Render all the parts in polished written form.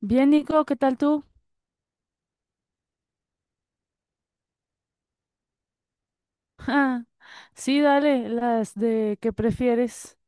Bien, Nico, ¿qué tal tú? Ah, sí, dale, las de que prefieres.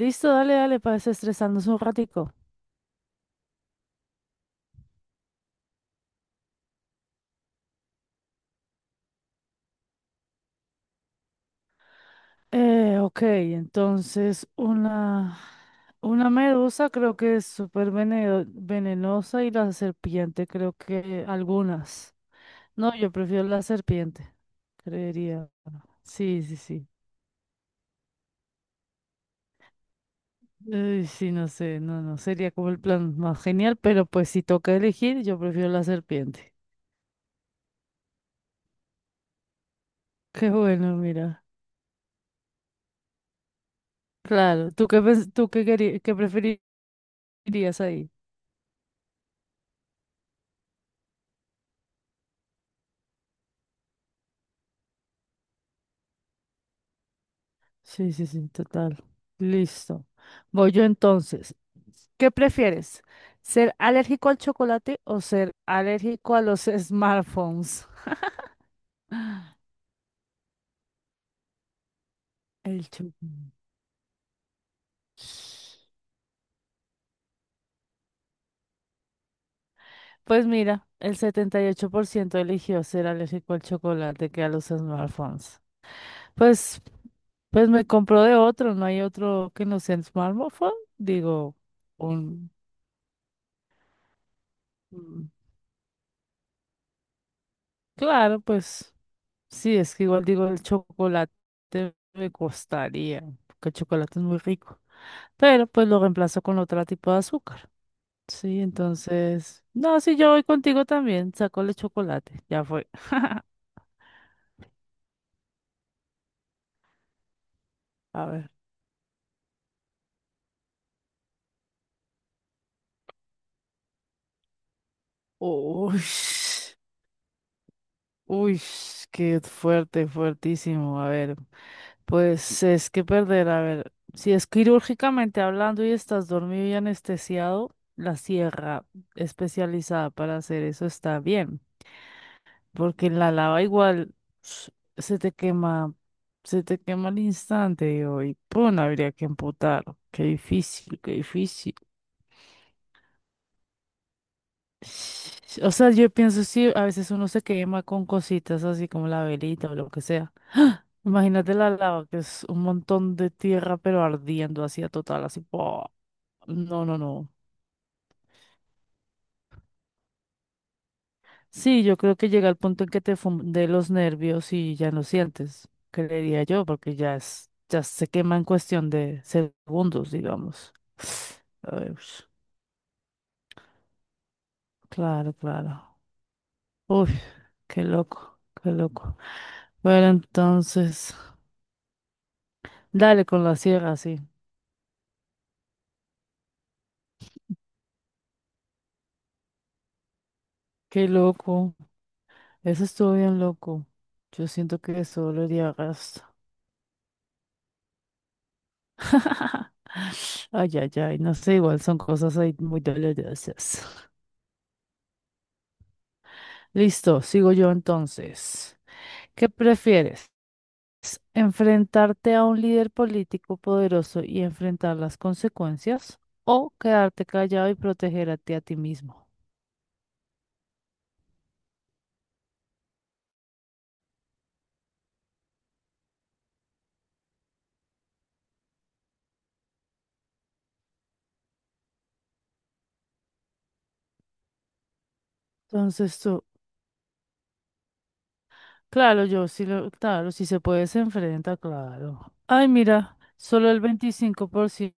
Listo, dale, dale, para desestresarnos un ratico. Ok, entonces una medusa creo que es súper venenosa y la serpiente creo que algunas. No, yo prefiero la serpiente, creería. Sí, sí, sí. Ay, sí, no sé, no, no, sería como el plan más genial, pero pues si toca elegir, yo prefiero la serpiente. Qué bueno, mira. Claro, ¿tú qué, qué preferirías ahí? Sí, sí, sí, total. Listo. Voy yo entonces. ¿Qué prefieres? ¿Ser alérgico al chocolate o ser alérgico a los smartphones? El chocolate. Pues mira, el 78% eligió ser alérgico al chocolate que a los smartphones. Pues, pues me compró de otro, no hay otro que no sea smartphone. Digo, un... mm, claro, pues. Sí, es que igual digo, el chocolate me costaría, porque el chocolate es muy rico, pero pues lo reemplazo con otro tipo de azúcar. Sí, entonces, no, si yo voy contigo también, saco el chocolate, ya fue. A ver. Uy, uy, qué fuerte, fuertísimo. A ver, pues es que perder, a ver, si es quirúrgicamente hablando y estás dormido y anestesiado, la sierra especializada para hacer eso está bien. Porque en la lava igual s- se te quema, se te quema al instante, digo, y pum, habría que amputar. Qué difícil, qué difícil. O sea, yo pienso, sí, a veces uno se quema con cositas así como la velita o lo que sea. Imagínate la lava, que es un montón de tierra, pero ardiendo así a total, así. ¡Pua! No, no, no. Sí, yo creo que llega el punto en que te funde los nervios y ya no sientes, creería yo, porque ya se quema en cuestión de segundos, digamos. Ay, ush, claro, claro. Uy, qué loco, qué loco. Bueno, entonces, dale con la sierra, sí. Qué loco. Eso estuvo bien loco. Yo siento que eso dolería gasto. Ay, ay, ay, no sé, igual son cosas ahí muy dolorosas. Listo, sigo yo entonces. ¿Qué prefieres? ¿Enfrentarte a un líder político poderoso y enfrentar las consecuencias? ¿O quedarte callado y protegerte a ti mismo? Entonces tú, claro, claro, si se puede se enfrenta, claro. Ay, mira, solo el 25%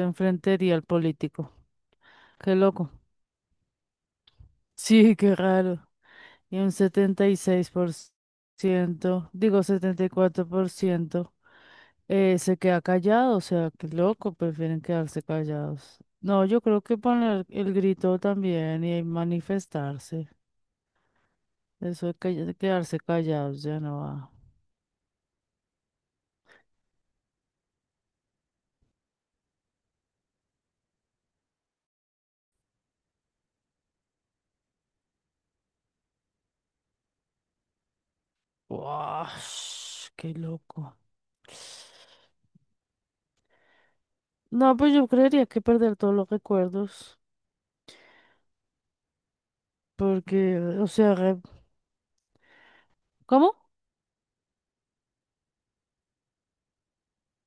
enfrentaría al político. Qué loco. Sí, qué raro. Y un 74%. Se queda callado, o sea, qué loco, prefieren quedarse callados. No, yo creo que poner el grito también y manifestarse. Eso de quedarse callados ya no va. Uash, qué loco. No, pues yo creería que perder todos los recuerdos, porque, o sea, ¿cómo?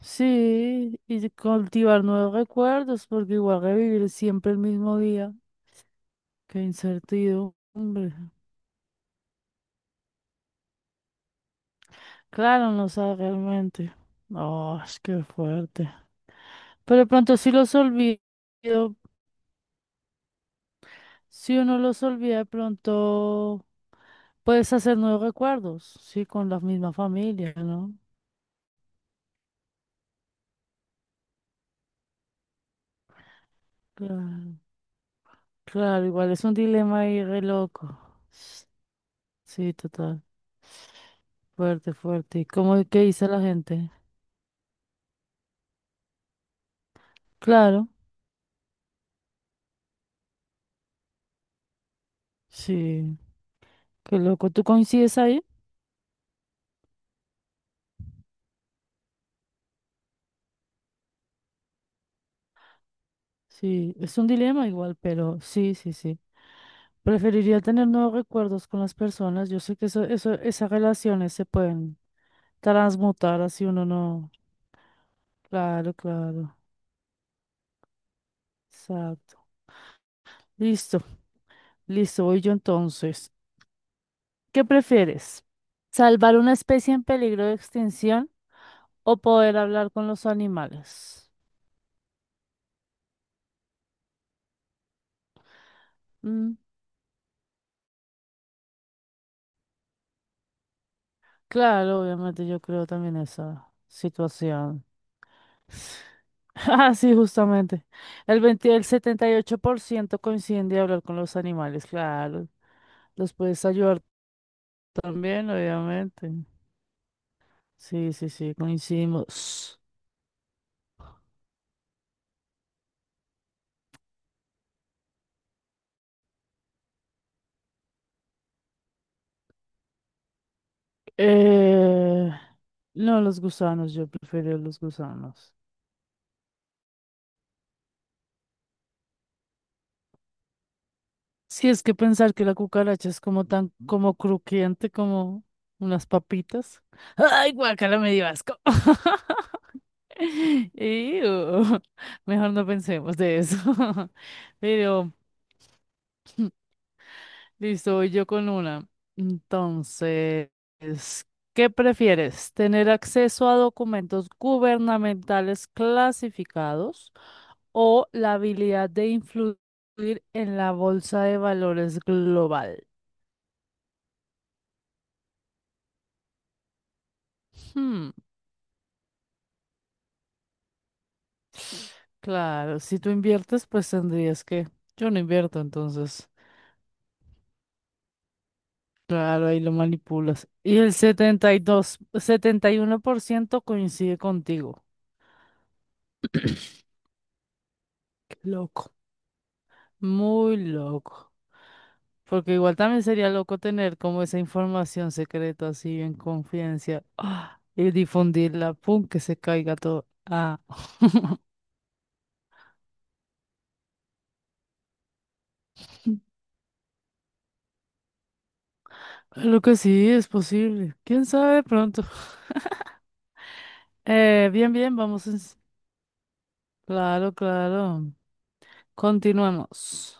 Sí, y de cultivar nuevos recuerdos, porque igual revivir siempre el mismo día. Qué incertidumbre. Claro, no sabe realmente. Oh, es que fuerte. Pero de pronto si uno los olvida, de pronto puedes hacer nuevos recuerdos, sí, con la misma familia, ¿no? Claro, claro, igual es un dilema ahí re loco. S- Sí, total. Fuerte, fuerte. ¿Y cómo es que dice la gente? Claro, sí. Qué loco. ¿Tú coincides ahí? Sí, es un dilema igual, pero sí, sí, sí. Preferiría tener nuevos recuerdos con las personas. Yo sé que esas relaciones se pueden transmutar así uno no. Claro, claro. Exacto. Listo, listo, voy yo entonces. ¿Qué prefieres? ¿Salvar una especie en peligro de extinción o poder hablar con los animales? Mm, claro, obviamente yo creo también esa situación. Ah, sí, justamente. El 78% coincide en hablar con los animales, claro. Los puedes ayudar también, obviamente. Sí, sí, sí, coincidimos. Eh, no, los gusanos, yo prefiero los gusanos. Sí, es que pensar que la cucaracha es como tan, como crujiente, como unas papitas. Ay, guacala, me dio asco. Iu, mejor no pensemos de eso. Pero. Listo, voy yo con una. Entonces, ¿qué prefieres? ¿Tener acceso a documentos gubernamentales clasificados o la habilidad de influir en la bolsa de valores global? Hmm, claro, si tú inviertes, pues tendrías que... Yo no invierto, entonces. Claro, ahí lo manipulas. Y el 71% coincide contigo. Qué loco. Muy loco. Porque igual también sería loco tener como esa información secreta así en confidencia ¡ah! Y difundirla, pum, que se caiga todo. Ah, lo que sí es posible. ¿Quién sabe pronto? Bien, bien, vamos. Claro, claro. Continuamos.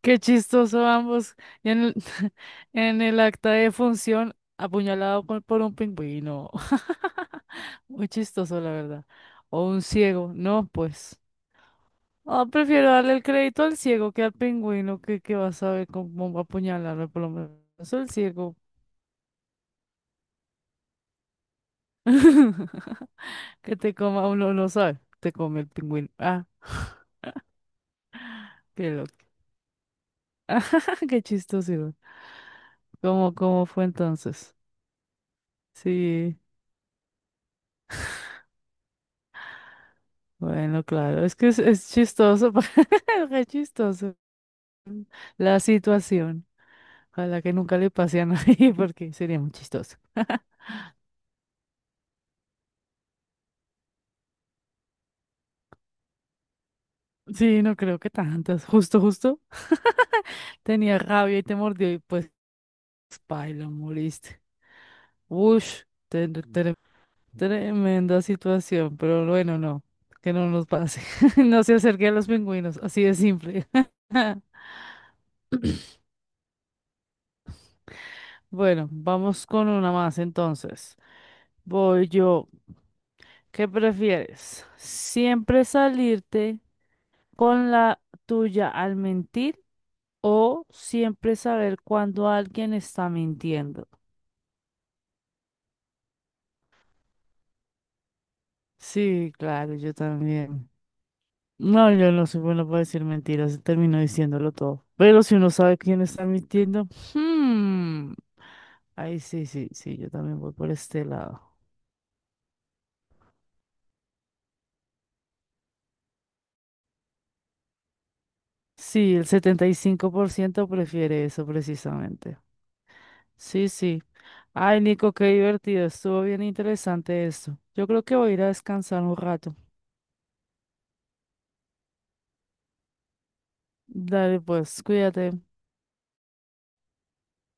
Qué chistoso ambos. Y en el, en el acta de función, apuñalado por un pingüino. Muy chistoso, la verdad. O un ciego. No, pues. Ah, prefiero darle el crédito al ciego que al pingüino que va a saber cómo apuñalarme, por lo menos el ciego. Que te coma, uno no sabe, te come el pingüino. Ah, qué loco. Qué chistoso. ¿Cómo fue entonces? Sí, bueno, claro, es que es chistoso, qué chistoso la situación. Ojalá que nunca le pase a nadie porque sería muy chistoso. Sí, no creo que tantas. Justo, justo tenía rabia y te mordió y pues. Pailo, moriste. Ush, tremenda situación, pero bueno, no, que no nos pase. No se acerque a los pingüinos, así de simple. Bueno, vamos con una más entonces. Voy yo. ¿Qué prefieres? ¿Siempre salirte con la tuya al mentir o siempre saber cuando alguien está mintiendo? Sí, claro, yo también. No, yo no soy bueno para decir mentiras, termino diciéndolo todo. Pero si uno sabe quién está mintiendo, hmm, ahí sí, sí, sí, yo también voy por este lado. Sí, el 75% prefiere eso precisamente. Sí, sí. Ay, Nico, qué divertido, estuvo bien interesante esto. Yo creo que voy a ir a descansar un rato. Dale, pues, cuídate.